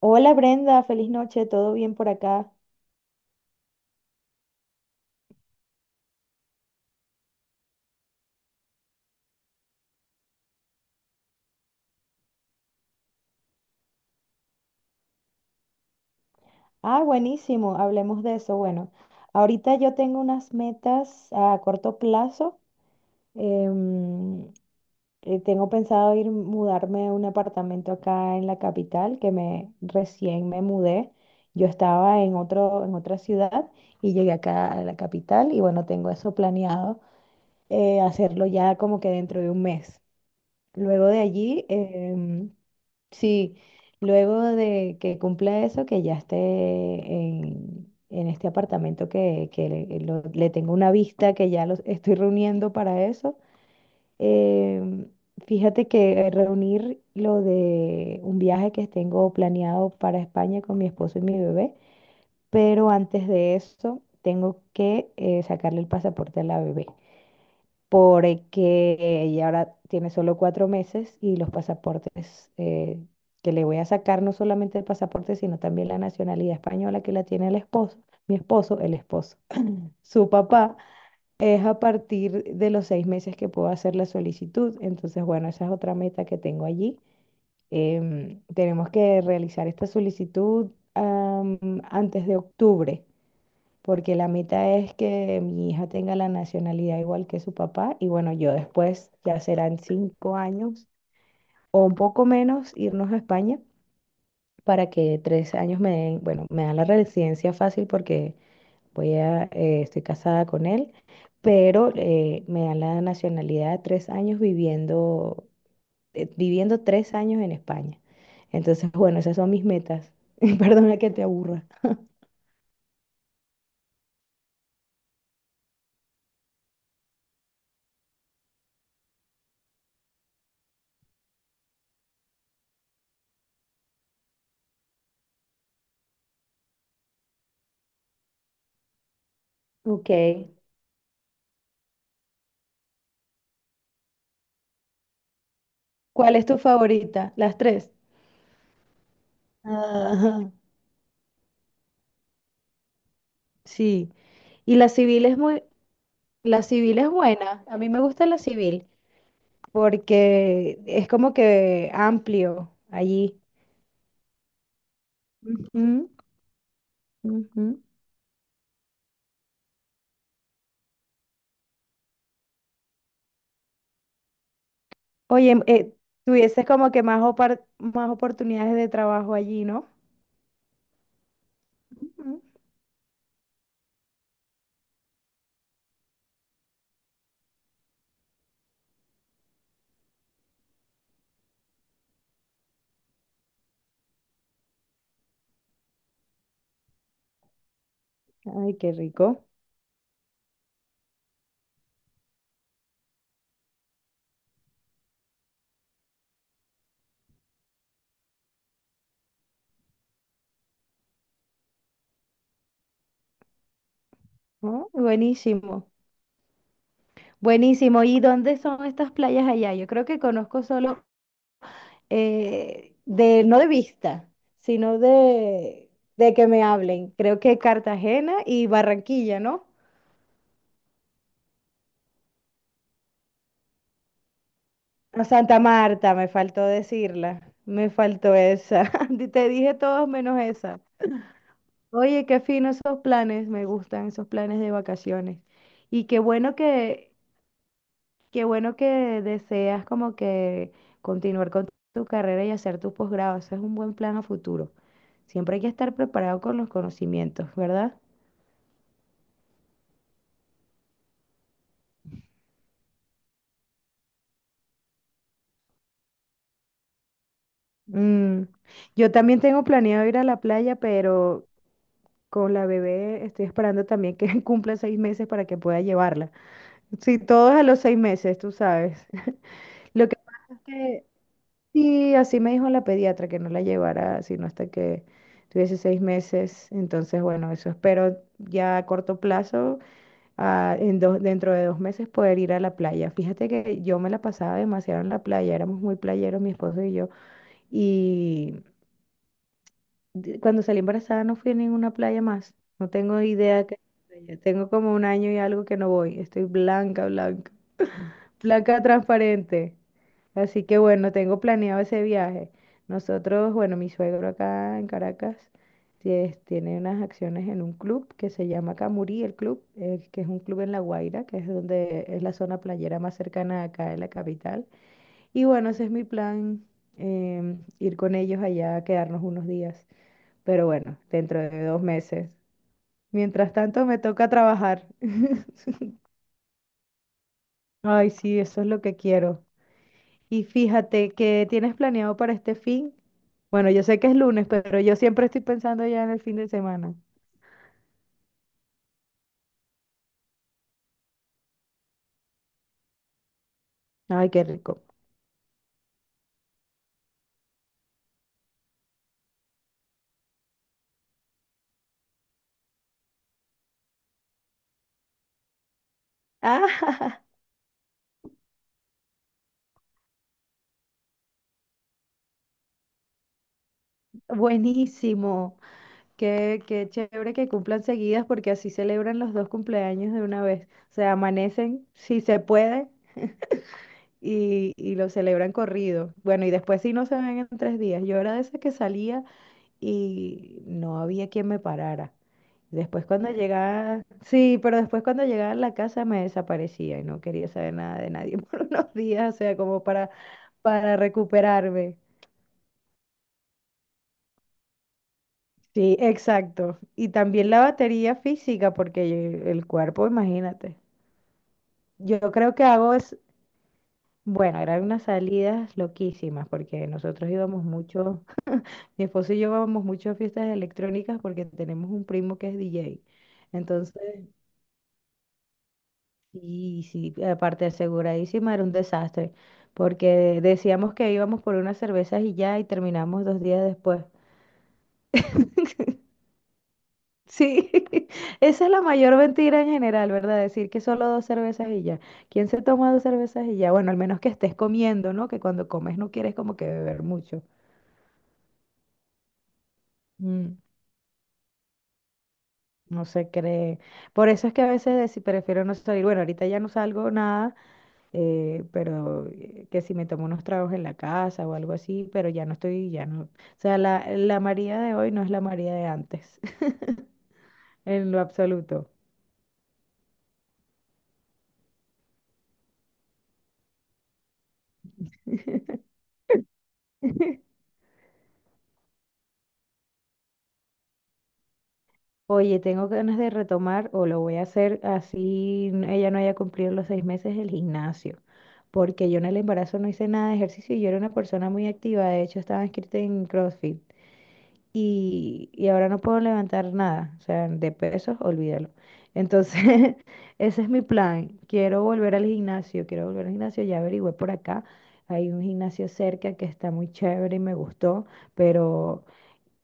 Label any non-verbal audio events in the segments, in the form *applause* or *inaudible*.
Hola Brenda, feliz noche, ¿todo bien por acá? Ah, buenísimo, hablemos de eso. Bueno, ahorita yo tengo unas metas a corto plazo. em, tengo pensado ir mudarme a un apartamento acá en la capital, que me recién me mudé. Yo estaba en otra ciudad y llegué acá a la capital y bueno, tengo eso planeado, hacerlo ya como que dentro de un mes. Luego de allí, sí, luego de que cumpla eso, que ya esté en este apartamento le tengo una vista, que ya los estoy reuniendo para eso. em, Fíjate que reunir lo de un viaje que tengo planeado para España con mi esposo y mi bebé, pero antes de eso tengo que sacarle el pasaporte a la bebé porque ella ahora tiene solo 4 meses y los pasaportes que le voy a sacar, no solamente el pasaporte, sino también la nacionalidad española que la tiene el esposo, mi esposo, el esposo, *laughs* su papá, es a partir de los 6 meses que puedo hacer la solicitud. Entonces, bueno, esa es otra meta que tengo allí. Tenemos que realizar esta solicitud antes de octubre porque la meta es que mi hija tenga la nacionalidad igual que su papá y bueno, yo después, ya serán 5 años o un poco menos, irnos a España para que 3 años me den, bueno, me dan la residencia fácil porque estoy casada con él, pero me dan la nacionalidad de 3 años viviendo 3 años en España. Entonces, bueno, esas son mis metas. *laughs* Perdona que te aburra. Ok. ¿Cuál es tu favorita? Las tres. Ajá, *laughs* sí. Y la civil es buena. A mí me gusta la civil porque es como que amplio allí. Ujú, ujú. Oye, tuvieses como que más oportunidades de trabajo allí, ¿no? Ujú. Ay, qué rico. Oh, buenísimo. Buenísimo. ¿Y dónde son estas playas allá? Yo creo que conozco solo no de vista, sino de que me hablen. Creo que Cartagena y Barranquilla, ¿no? A Santa Marta, me faltó decirla, me faltó esa. *laughs* Te dije todos menos esa. Oye, qué fino esos planes, me gustan esos planes de vacaciones. Y qué bueno que deseas como que continuar con tu carrera y hacer tu posgrado. Ese es un buen plan a futuro. Siempre hay que estar preparado con los conocimientos, ¿verdad? Mm, Yo también tengo planeado ir a la playa, pero con la bebé estoy esperando también que *laughs* cumpla 6 meses para que pueda llevarla. Sí, todo es a los 6 meses, tú sabes. *laughs* Lo que pasa es que sí, así me dijo la pediatra que no la llevara sino hasta que tuviese 6 meses. Entonces, bueno, eso espero ya a corto plazo, dentro de 2 meses poder ir a la playa. Fíjate que yo me la pasaba demasiado en la playa, éramos muy playeros, mi esposo y yo. Y cuando salí embarazada no fui a ninguna playa más. No tengo idea que tengo como un año y algo que no voy. Estoy blanca, blanca, blanca transparente. Así que bueno, tengo planeado ese viaje. Nosotros, bueno, mi suegro acá en Caracas tiene unas acciones en un club que se llama Camurí, el club, que es un club en La Guaira, que es donde es la zona playera más cercana acá de la capital. Y bueno, ese es mi plan, ir con ellos allá, quedarnos unos días. Pero bueno, dentro de 2 meses. Mientras tanto, me toca trabajar. *laughs* Ay, sí, eso es lo que quiero. Y fíjate, ¿qué tienes planeado para este fin? Bueno, yo sé que es lunes, pero yo siempre estoy pensando ya en el fin de semana. Ay, qué rico. Ah, *laughs* buenísimo. Qué chévere que cumplan seguidas porque así celebran los dos cumpleaños de una vez. O sea, amanecen si se puede y, lo celebran corrido. Bueno, y después si no se ven en 3 días. Yo era de esas que salía y no había quien me parara. Después cuando llegaba, sí, pero después cuando llegaba a la casa me desaparecía y no quería saber nada de nadie *laughs* por unos días, o sea, como para recuperarme. Sí, exacto. Y también la batería física, porque el cuerpo, imagínate. Yo creo que hago es, bueno, eran unas salidas loquísimas, porque nosotros íbamos mucho, mi esposo y yo íbamos mucho a fiestas electrónicas porque tenemos un primo que es DJ. Entonces, y sí, aparte aseguradísima era un desastre, porque decíamos que íbamos por unas cervezas y ya, y terminamos 2 días después. Sí, *laughs* esa es la mayor mentira en general, ¿verdad? Decir que solo dos cervezas y ya. ¿Quién se toma dos cervezas y ya? Bueno, al menos que estés comiendo, ¿no? Que cuando comes no quieres como que beber mucho. Mm, no se cree. Por eso es que a veces prefiero no salir. Bueno, ahorita ya no salgo nada, pero que si me tomo unos tragos en la casa o algo así, pero ya no estoy, ya no. O sea, la María de hoy no es la María de antes, *laughs* en lo absoluto. *laughs* Oye, tengo ganas de retomar o lo voy a hacer así ella no haya cumplido los 6 meses el gimnasio, porque yo en el embarazo no hice nada de ejercicio y yo era una persona muy activa, de hecho estaba inscrita en CrossFit. Y ahora no puedo levantar nada, o sea, de pesos, olvídalo. Entonces, *laughs* ese es mi plan. Quiero volver al gimnasio, quiero volver al gimnasio, ya averigüé por acá. Hay un gimnasio cerca que está muy chévere y me gustó, pero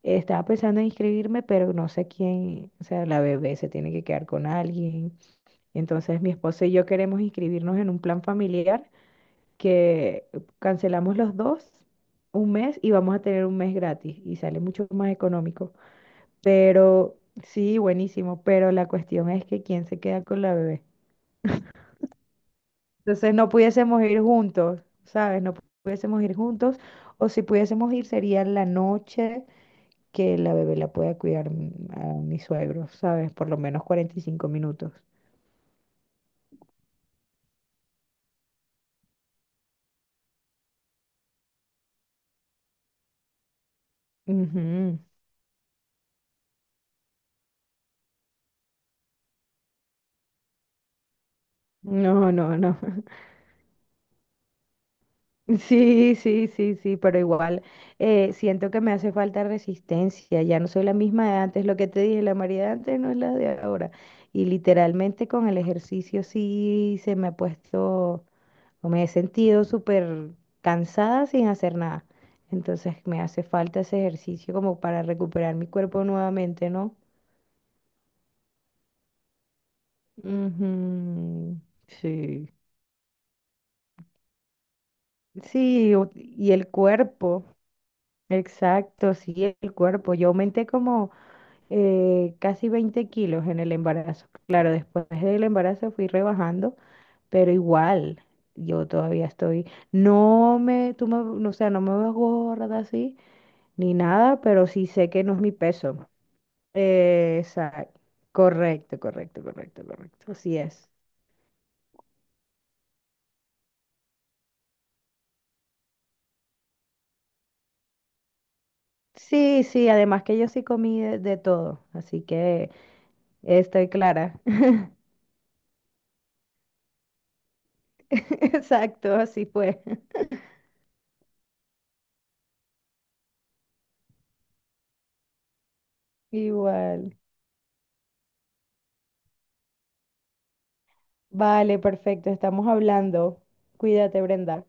estaba pensando en inscribirme, pero no sé quién, o sea, la bebé se tiene que quedar con alguien. Entonces, mi esposo y yo queremos inscribirnos en un plan familiar que cancelamos los dos un mes y vamos a tener un mes gratis y sale mucho más económico. Pero sí, buenísimo, pero la cuestión es que quién se queda con la bebé. Entonces no pudiésemos ir juntos, ¿sabes? No pudiésemos ir juntos, o si pudiésemos ir sería la noche que la bebé la pueda cuidar, a mi suegro, ¿sabes? Por lo menos 45 minutos. Ujú. No, no, no. Sí, sí, sí, sí, pero igual, siento que me hace falta resistencia, ya no soy la misma de antes, lo que te dije, la María de antes no es la de ahora. Y literalmente con el ejercicio sí se me ha puesto, o me he sentido súper cansada sin hacer nada. Entonces me hace falta ese ejercicio como para recuperar mi cuerpo nuevamente, ¿no? Ujú, sí. Sí, y el cuerpo, exacto, sí, el cuerpo. Yo aumenté como casi 20 kilos en el embarazo. Claro, después del embarazo fui rebajando, pero igual, yo todavía estoy, no me, tú me, no, o sea, no me veo gorda así, ni nada, pero sí sé que no es mi peso. Exacto, correcto, correcto, correcto, correcto, así es. Sí, sí, además que yo sí comí de todo, así que estoy clara. *laughs* Exacto, así fue. *laughs* Igual. Vale, perfecto, estamos hablando. Cuídate, Brenda.